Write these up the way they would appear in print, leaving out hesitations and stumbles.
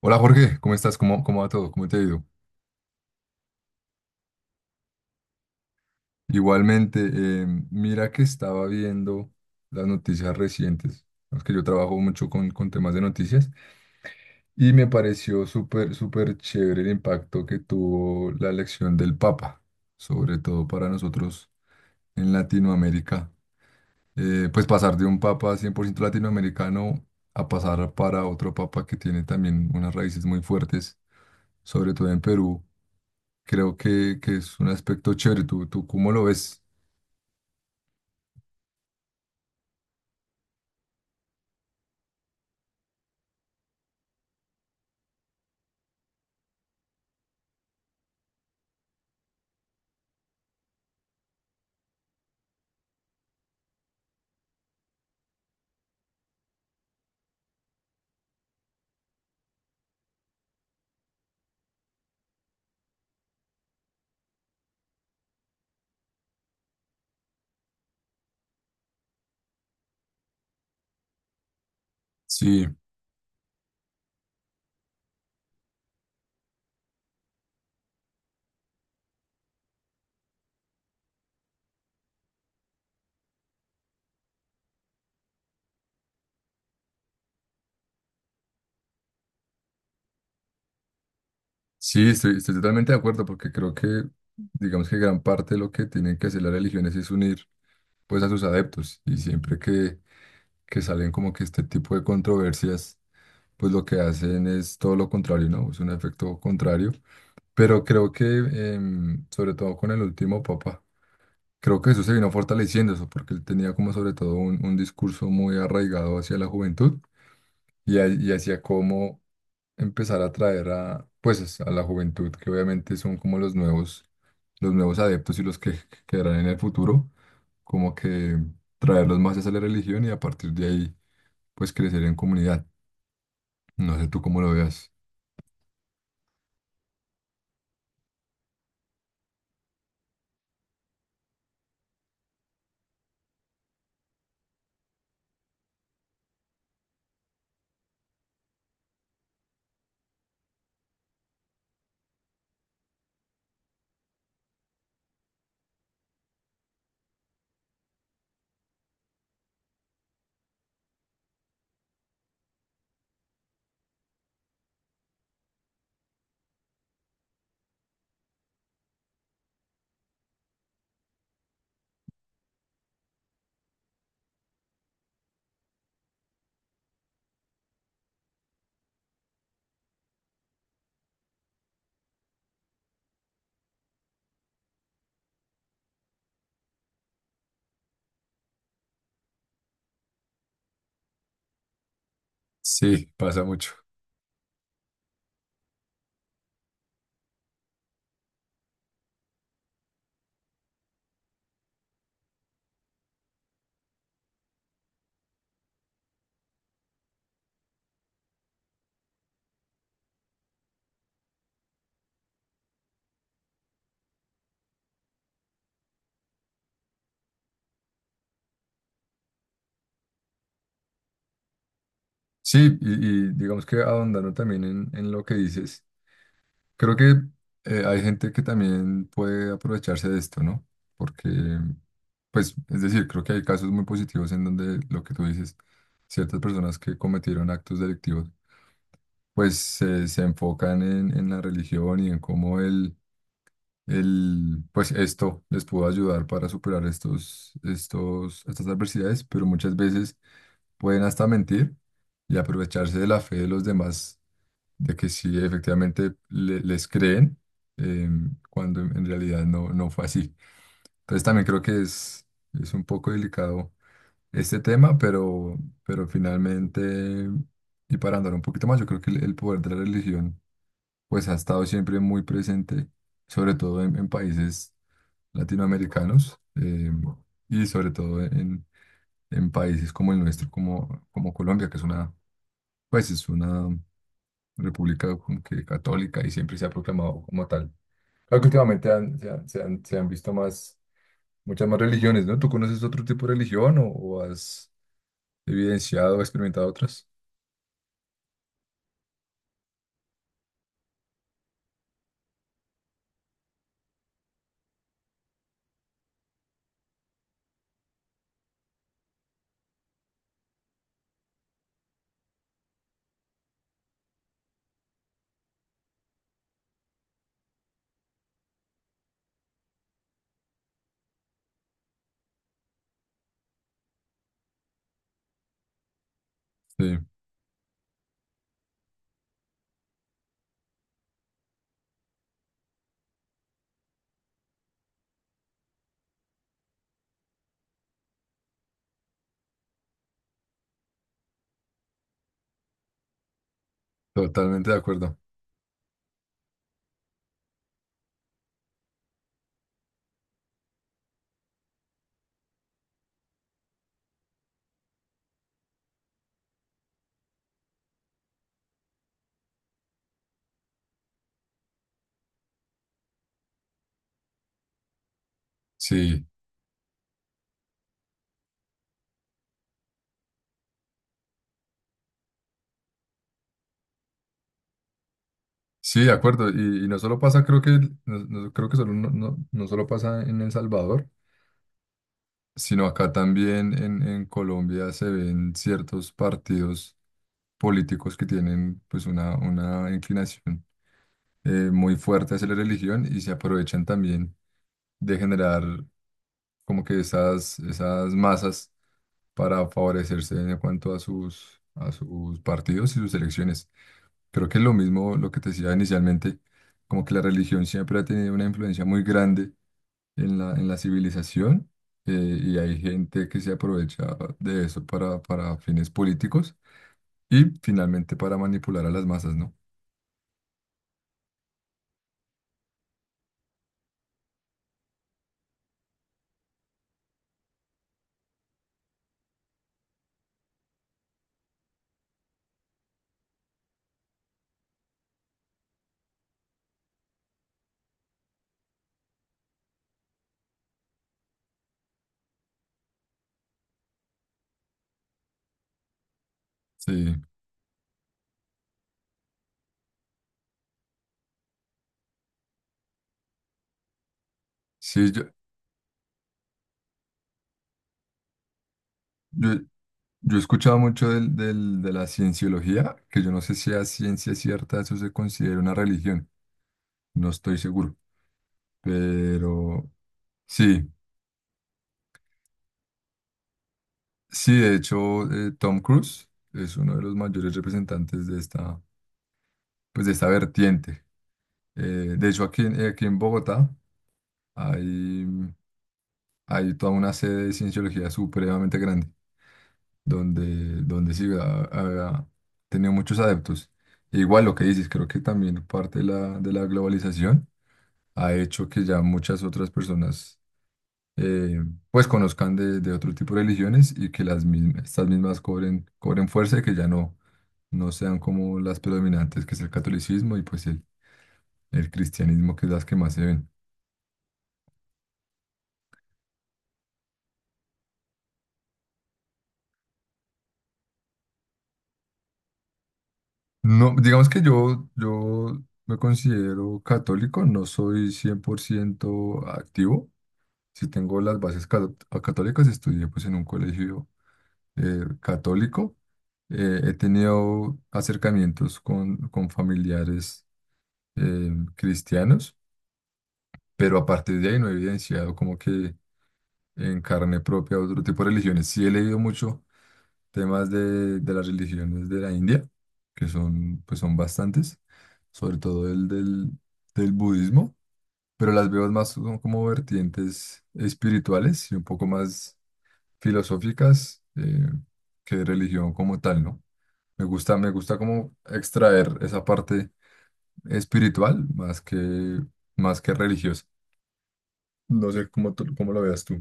Hola Jorge, ¿cómo estás? ¿Cómo va todo? ¿Cómo te ha ido? Igualmente, mira que estaba viendo las noticias recientes, es que yo trabajo mucho con temas de noticias, y me pareció súper chévere el impacto que tuvo la elección del Papa, sobre todo para nosotros en Latinoamérica. Pues pasar de un Papa 100% latinoamericano a pasar para otro Papa que tiene también unas raíces muy fuertes, sobre todo en Perú. Creo que es un aspecto chévere. ¿Tú cómo lo ves? Sí, sí, estoy totalmente de acuerdo porque creo que, digamos que gran parte de lo que tienen que hacer las religiones es unir pues a sus adeptos y siempre que salen como que este tipo de controversias, pues lo que hacen es todo lo contrario, ¿no? Es un efecto contrario. Pero creo que, sobre todo con el último papa, creo que eso se vino fortaleciendo eso porque él tenía como sobre todo un discurso muy arraigado hacia la juventud y, y hacia cómo empezar a traer a, pues, a la juventud, que obviamente son como los nuevos adeptos y los que quedarán en el futuro, como que traerlos más hacia la religión y a partir de ahí, pues, crecer en comunidad. No sé tú cómo lo veas. Sí, pasa mucho. Sí, y digamos que ahondando también en lo que dices. Creo que hay gente que también puede aprovecharse de esto, ¿no? Porque, pues, es decir, creo que hay casos muy positivos en donde lo que tú dices, ciertas personas que cometieron actos delictivos, pues se enfocan en la religión y en cómo el pues esto les pudo ayudar para superar estos estas adversidades, pero muchas veces pueden hasta mentir y aprovecharse de la fe de los demás de que sí, efectivamente les creen, eh, cuando en realidad no, no fue así. Entonces también creo que es un poco delicado este tema, pero finalmente, y para andar un poquito más, yo creo que el poder de la religión pues ha estado siempre muy presente, sobre todo en países latinoamericanos y sobre todo en países como el nuestro, como, como Colombia, que es una, pues es una república como que católica y siempre se ha proclamado como tal. Claro que últimamente se han, se han visto más, muchas más religiones, ¿no? ¿Tú conoces otro tipo de religión o has evidenciado o experimentado otras? Sí, totalmente de acuerdo. Sí, sí, de acuerdo. Y no solo pasa, creo que, no, creo que solo, no, no solo pasa en El Salvador, sino acá también en Colombia se ven ciertos partidos políticos que tienen pues una inclinación. Muy fuerte hacia la religión y se aprovechan también de generar como que esas, esas masas para favorecerse en cuanto a sus partidos y sus elecciones. Creo que es lo mismo lo que te decía inicialmente, como que la religión siempre ha tenido una influencia muy grande en la civilización y hay gente que se aprovecha de eso para fines políticos y finalmente para manipular a las masas, ¿no? Sí, sí, yo- yo he escuchado mucho de la cienciología, que yo no sé si a ciencia cierta eso se considera una religión, no estoy seguro, pero sí, sí, de hecho Tom Cruise es uno de los mayores representantes de esta, pues de esta vertiente. De hecho aquí, aquí en Bogotá hay, hay toda una sede de cienciología supremamente grande, donde, donde sí ha, ha tenido muchos adeptos. E igual lo que dices, creo que también parte de la globalización ha hecho que ya muchas otras personas eh, pues conozcan de otro tipo de religiones y que las mismas, estas mismas cobren, cobren fuerza y que ya no, no sean como las predominantes, que es el catolicismo y pues el cristianismo, que es las que más se ven. No, digamos que yo me considero católico, no soy 100% activo. Si tengo las bases católicas, estudié pues en un colegio católico. He tenido acercamientos con familiares cristianos, pero a partir de ahí no he evidenciado como que en carne propia otro tipo de religiones. Sí he leído mucho temas de las religiones de la India, que son, pues son bastantes, sobre todo el del budismo, pero las veo más como como vertientes espirituales y un poco más filosóficas que de religión como tal, ¿no? Me gusta como extraer esa parte espiritual más que religiosa. No sé cómo, cómo lo veas tú.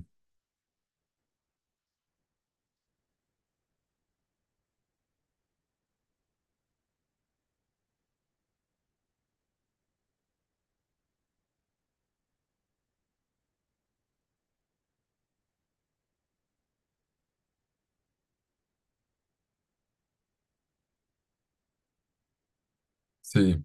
Sí,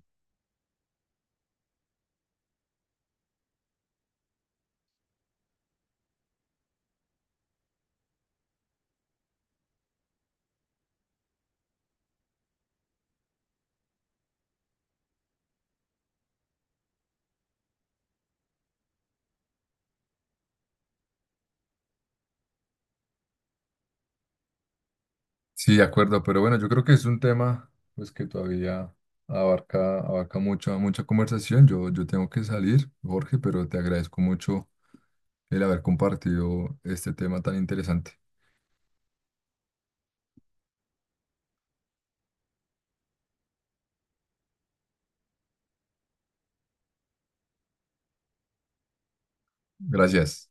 sí, de acuerdo, pero bueno, yo creo que es un tema pues que todavía abarca, abarca mucha, mucha conversación. Yo tengo que salir, Jorge, pero te agradezco mucho el haber compartido este tema tan interesante. Gracias.